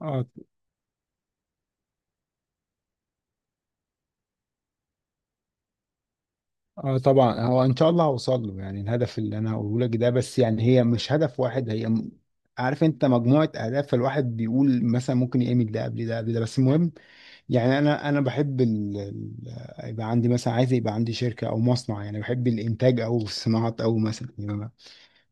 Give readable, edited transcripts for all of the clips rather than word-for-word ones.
اه اه، طبعا. هو ان شاء الله هوصل له، يعني الهدف اللي انا هقوله لك ده، بس يعني هي مش هدف واحد، هي عارف انت مجموعه اهداف. فالواحد بيقول مثلا ممكن يعمل ده قبل ده قبل ده، بس المهم يعني انا بحب يبقى عندي، مثلا عايز يبقى عندي شركه او مصنع، يعني بحب الانتاج او الصناعات او مثلا يعني.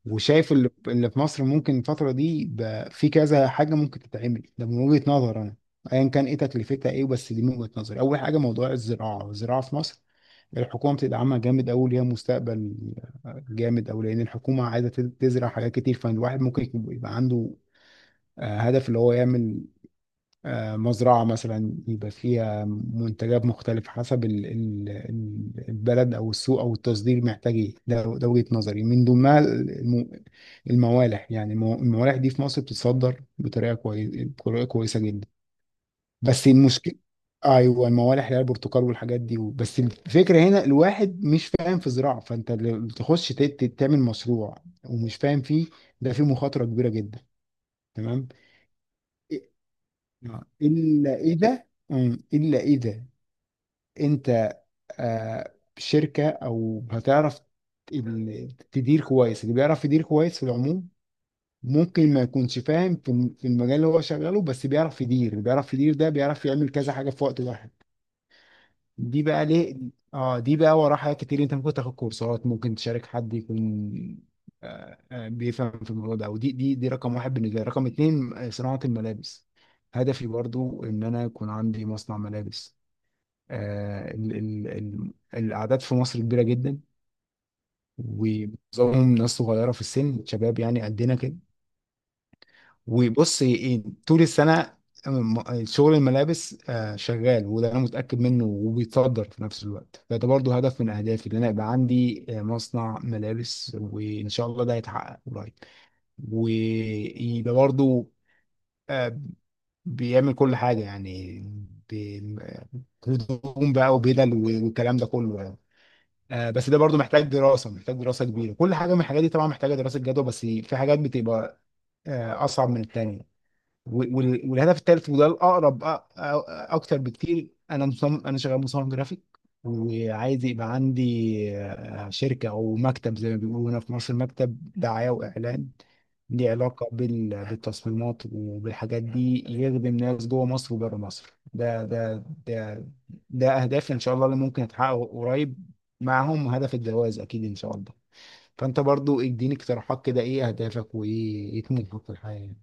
وشايف اللي في مصر ممكن الفترة دي بقى في كذا حاجة ممكن تتعمل، ده من وجهة نظر أنا أيا كان إيه تكلفتها إيه، بس دي من وجهة نظري. أول حاجة موضوع الزراعة، الزراعة في مصر الحكومة بتدعمها جامد أوي، ليها مستقبل جامد أوي، لأن الحكومة عايزة تزرع حاجات كتير. فالواحد ممكن يبقى عنده هدف اللي هو يعمل مزرعة مثلا يبقى فيها منتجات مختلفة حسب البلد أو السوق أو التصدير محتاج إيه. ده ده وجهة نظري، من ضمنها الموالح. يعني الموالح دي في مصر بتتصدر بطريقة كويسة، بطريقة كويسة جدا. بس المشكلة، أيوه، الموالح اللي هي البرتقال والحاجات دي. بس الفكرة هنا الواحد مش فاهم في زراعة، فأنت لو تخش تعمل مشروع ومش فاهم فيه، ده فيه مخاطرة كبيرة جدا. تمام. إلا إذا. إلا إذا أنت شركة أو هتعرف تدير كويس. اللي بيعرف يدير كويس في العموم ممكن ما يكونش فاهم في في المجال اللي هو شغاله، بس بيعرف يدير. اللي بيعرف يدير ده بيعرف يعمل كذا حاجة في وقت واحد. دي بقى ليه؟ اه، دي بقى وراها حاجات كتير. انت ممكن تاخد كورسات، ممكن تشارك حد يكون بيفهم في الموضوع ده. ودي دي دي رقم واحد بالنسبه لي. رقم اتنين، صناعه الملابس. هدفي برضو ان انا يكون عندي مصنع ملابس. ال ال ال الاعداد في مصر كبيره جدا، ومعظمهم ناس صغيره في السن، شباب يعني قدنا كده. وبص إيه، طول السنة شغل الملابس شغال، وده انا متأكد منه، وبيتصدر في نفس الوقت. فده برضو هدف من اهدافي، ان انا يبقى عندي مصنع ملابس، وان شاء الله ده هيتحقق قريب. ويبقى برضو آه، بيعمل كل حاجة يعني، بي- هدوم بقى وبدل والكلام ده كله يعني. بس ده برضو محتاج دراسة، محتاج دراسة كبيرة. كل حاجة من الحاجات دي طبعا محتاجة دراسة جدوى، بس في حاجات بتبقى اصعب من التانية. والهدف الثالث وده الاقرب اكتر بكتير. انا مصمم، انا شغال مصمم جرافيك، وعايز يبقى عندي شركه او مكتب زي ما بيقولوا هنا في مصر، مكتب دعايه واعلان ليه علاقه بالتصميمات وبالحاجات دي، يخدم ناس جوه مصر وبره مصر. ده ده اهدافي ان شاء الله، اللي ممكن اتحقق قريب، معاهم هدف الجواز اكيد ان شاء الله. فانت برضو اديني اقتراحات كده، ايه اهدافك؟ وايه طموحك في الحياه؟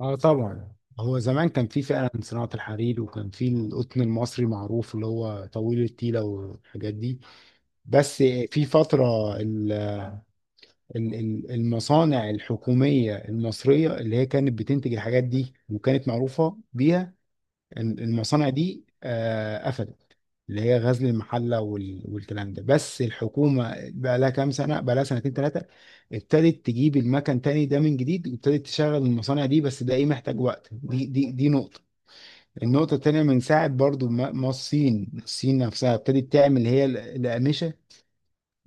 اه، طبعا. هو زمان كان في فعلا صناعة الحرير، وكان في القطن المصري معروف اللي هو طويل التيلة والحاجات دي. بس في فترة المصانع الحكومية المصرية اللي هي كانت بتنتج الحاجات دي وكانت معروفة بيها، المصانع دي قفلت، اللي هي غزل المحلة والكلام ده. بس الحكومة بقى لها كام سنة، بقى لها سنتين ثلاثة ابتدت تجيب المكن تاني ده من جديد، وابتدت تشغل المصانع دي، بس ده ايه محتاج وقت. دي نقطة. النقطة التانية، من ساعة برضو ما الصين نفسها ابتدت تعمل هي الأقمشة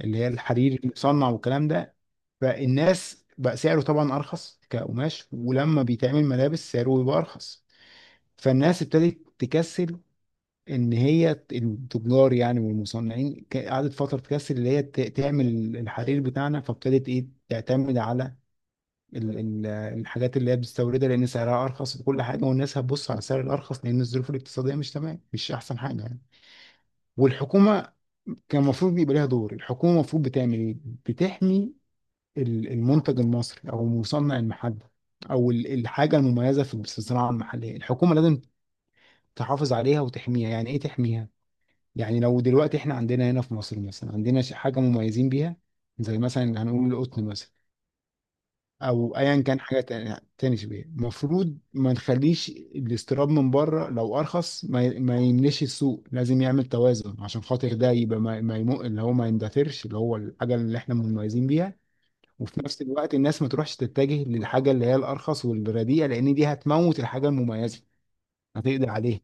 اللي هي الحرير المصنع والكلام ده. فالناس بقى سعره طبعا أرخص كقماش، ولما بيتعمل ملابس سعره بيبقى أرخص. فالناس ابتدت تكسل، إن هي التجار يعني والمصنعين قعدت فترة تكسل اللي هي تعمل الحرير بتاعنا. فابتدت إيه تعتمد على ال- ال- الحاجات اللي هي بتستوردها، لأن سعرها أرخص وكل حاجة، والناس هتبص على السعر الأرخص لأن الظروف الاقتصادية مش تمام، مش أحسن حاجة يعني. والحكومه كان المفروض يبقى لها دور. الحكومه المفروض بتعمل ايه؟ بتحمي المنتج المصري او المصنع المحلي او الحاجه المميزه في الصناعه المحليه. الحكومه لازم تحافظ عليها وتحميها. يعني ايه تحميها؟ يعني لو دلوقتي احنا عندنا هنا في مصر مثلا عندنا حاجه مميزين بيها، زي مثلا هنقول القطن مثلا، او ايا كان حاجه تاني شبيه، المفروض ما نخليش الاستيراد من بره لو ارخص، ما يملاش السوق. لازم يعمل توازن عشان خاطر ده يبقى ما, ما يمو اللي هو ما يندثرش، اللي هو الحاجه اللي احنا مميزين بيها. وفي نفس الوقت الناس ما تروحش تتجه للحاجه اللي هي الارخص والرديئه، لان دي هتموت الحاجه المميزه، هتقضي عليها.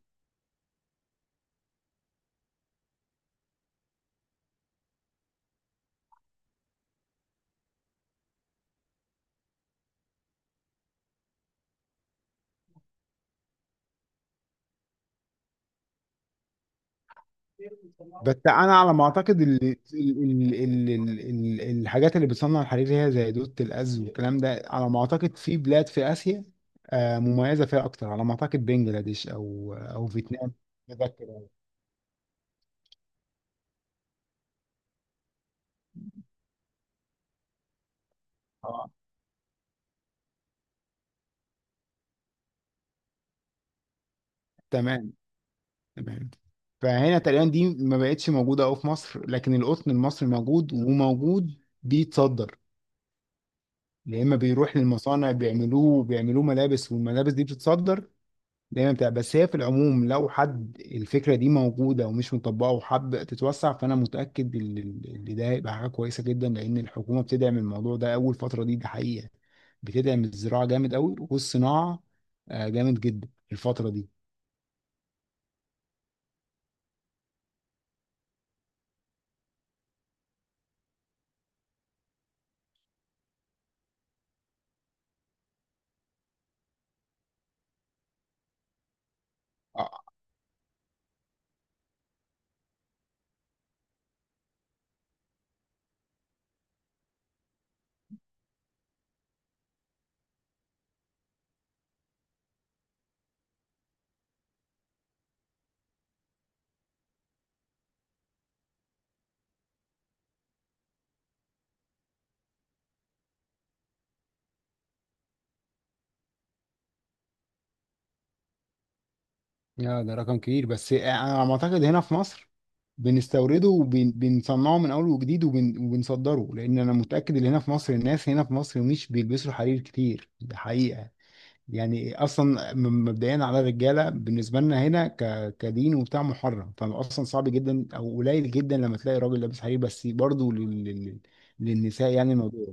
بس انا على ما اعتقد ال ال ال ال ال ال الحاجات اللي بتصنع الحرير هي زي دودة الأز والكلام ده، على ما اعتقد في بلاد في آسيا مميزة فيها اكتر. على ما اعتقد بنجلاديش او فيتنام. متذكر يعني. اه، تمام، تمام. فهنا تقريبا دي ما بقتش موجودة أوي في مصر، لكن القطن المصري موجود، وموجود بيتصدر. يا اما بيروح للمصانع بيعملوه، وبيعملوه ملابس والملابس دي بتتصدر دايما بتاع. بس هي في العموم لو حد الفكرة دي موجودة ومش مطبقة وحب تتوسع، فأنا متأكد إن ده هيبقى حاجة كويسة جدا، لأن الحكومة بتدعم الموضوع ده أول فترة دي، ده حقيقة. بتدعم الزراعة جامد أوي والصناعة جامد جدا الفترة دي. آه، يا ده رقم كبير، بس أنا على ما أعتقد هنا في مصر بنستورده وبنصنعه من أول وجديد وبنصدره، لأن أنا متأكد إن هنا في مصر الناس هنا في مصر مش بيلبسوا حرير كتير، ده حقيقة. يعني اصلا مبدئيا على الرجاله بالنسبه لنا هنا كدين وبتاع محرم، فاصلا صعب جدا او قليل جدا لما تلاقي راجل لابس حرير. بس برضه للنساء يعني الموضوع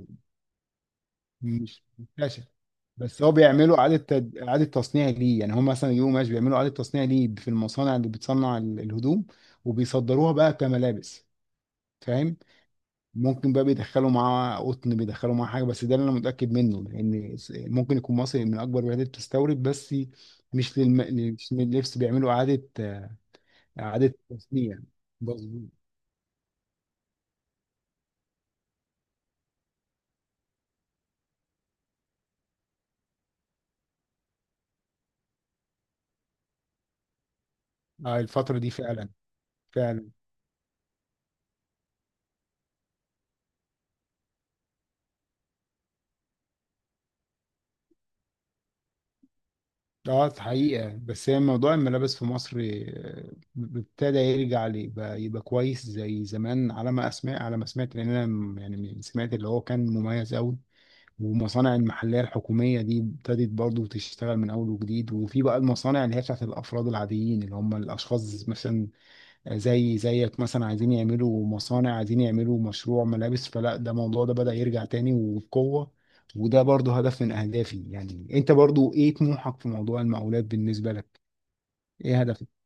مش منتشر. بس هو بيعملوا اعاده اعاده تصنيع ليه، يعني هم مثلا يجيبوا ماشي بيعملوا اعاده تصنيع ليه في المصانع اللي بتصنع الهدوم وبيصدروها بقى كملابس. فاهم؟ ممكن بقى بيدخلوا معاه قطن، بيدخلوا معاه حاجه، بس ده اللي انا متاكد منه، لان ممكن يكون مصر من اكبر البلاد اللي بتستورد، بس مش للم... مش لللبس، بيعملوا اعاده اعاده تصنيع. مظبوط. الفتره دي فعلا، فعلا. اه، حقيقه. بس هي موضوع الملابس في مصر ابتدى يرجع يبقى كويس زي زمان، على ما اسمع، على ما سمعت، لان انا يعني سمعت اللي هو كان مميز قوي. والمصانع المحلية الحكومية دي ابتدت برضه تشتغل من أول وجديد، وفي بقى المصانع اللي هي بتاعت الأفراد العاديين، اللي هم الأشخاص مثلا زي زيك مثلا، عايزين يعملوا مصانع، عايزين يعملوا مشروع ملابس. فلا، ده الموضوع ده بدأ يرجع تاني وبقوة. وده برضه هدف من أهدافي. يعني أنت برضه إيه طموحك في موضوع المقاولات بالنسبة لك؟ إيه هدفك؟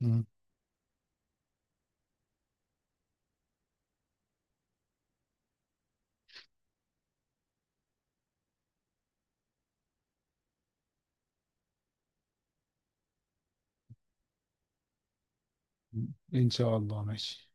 مم. إن شاء الله، ماشي.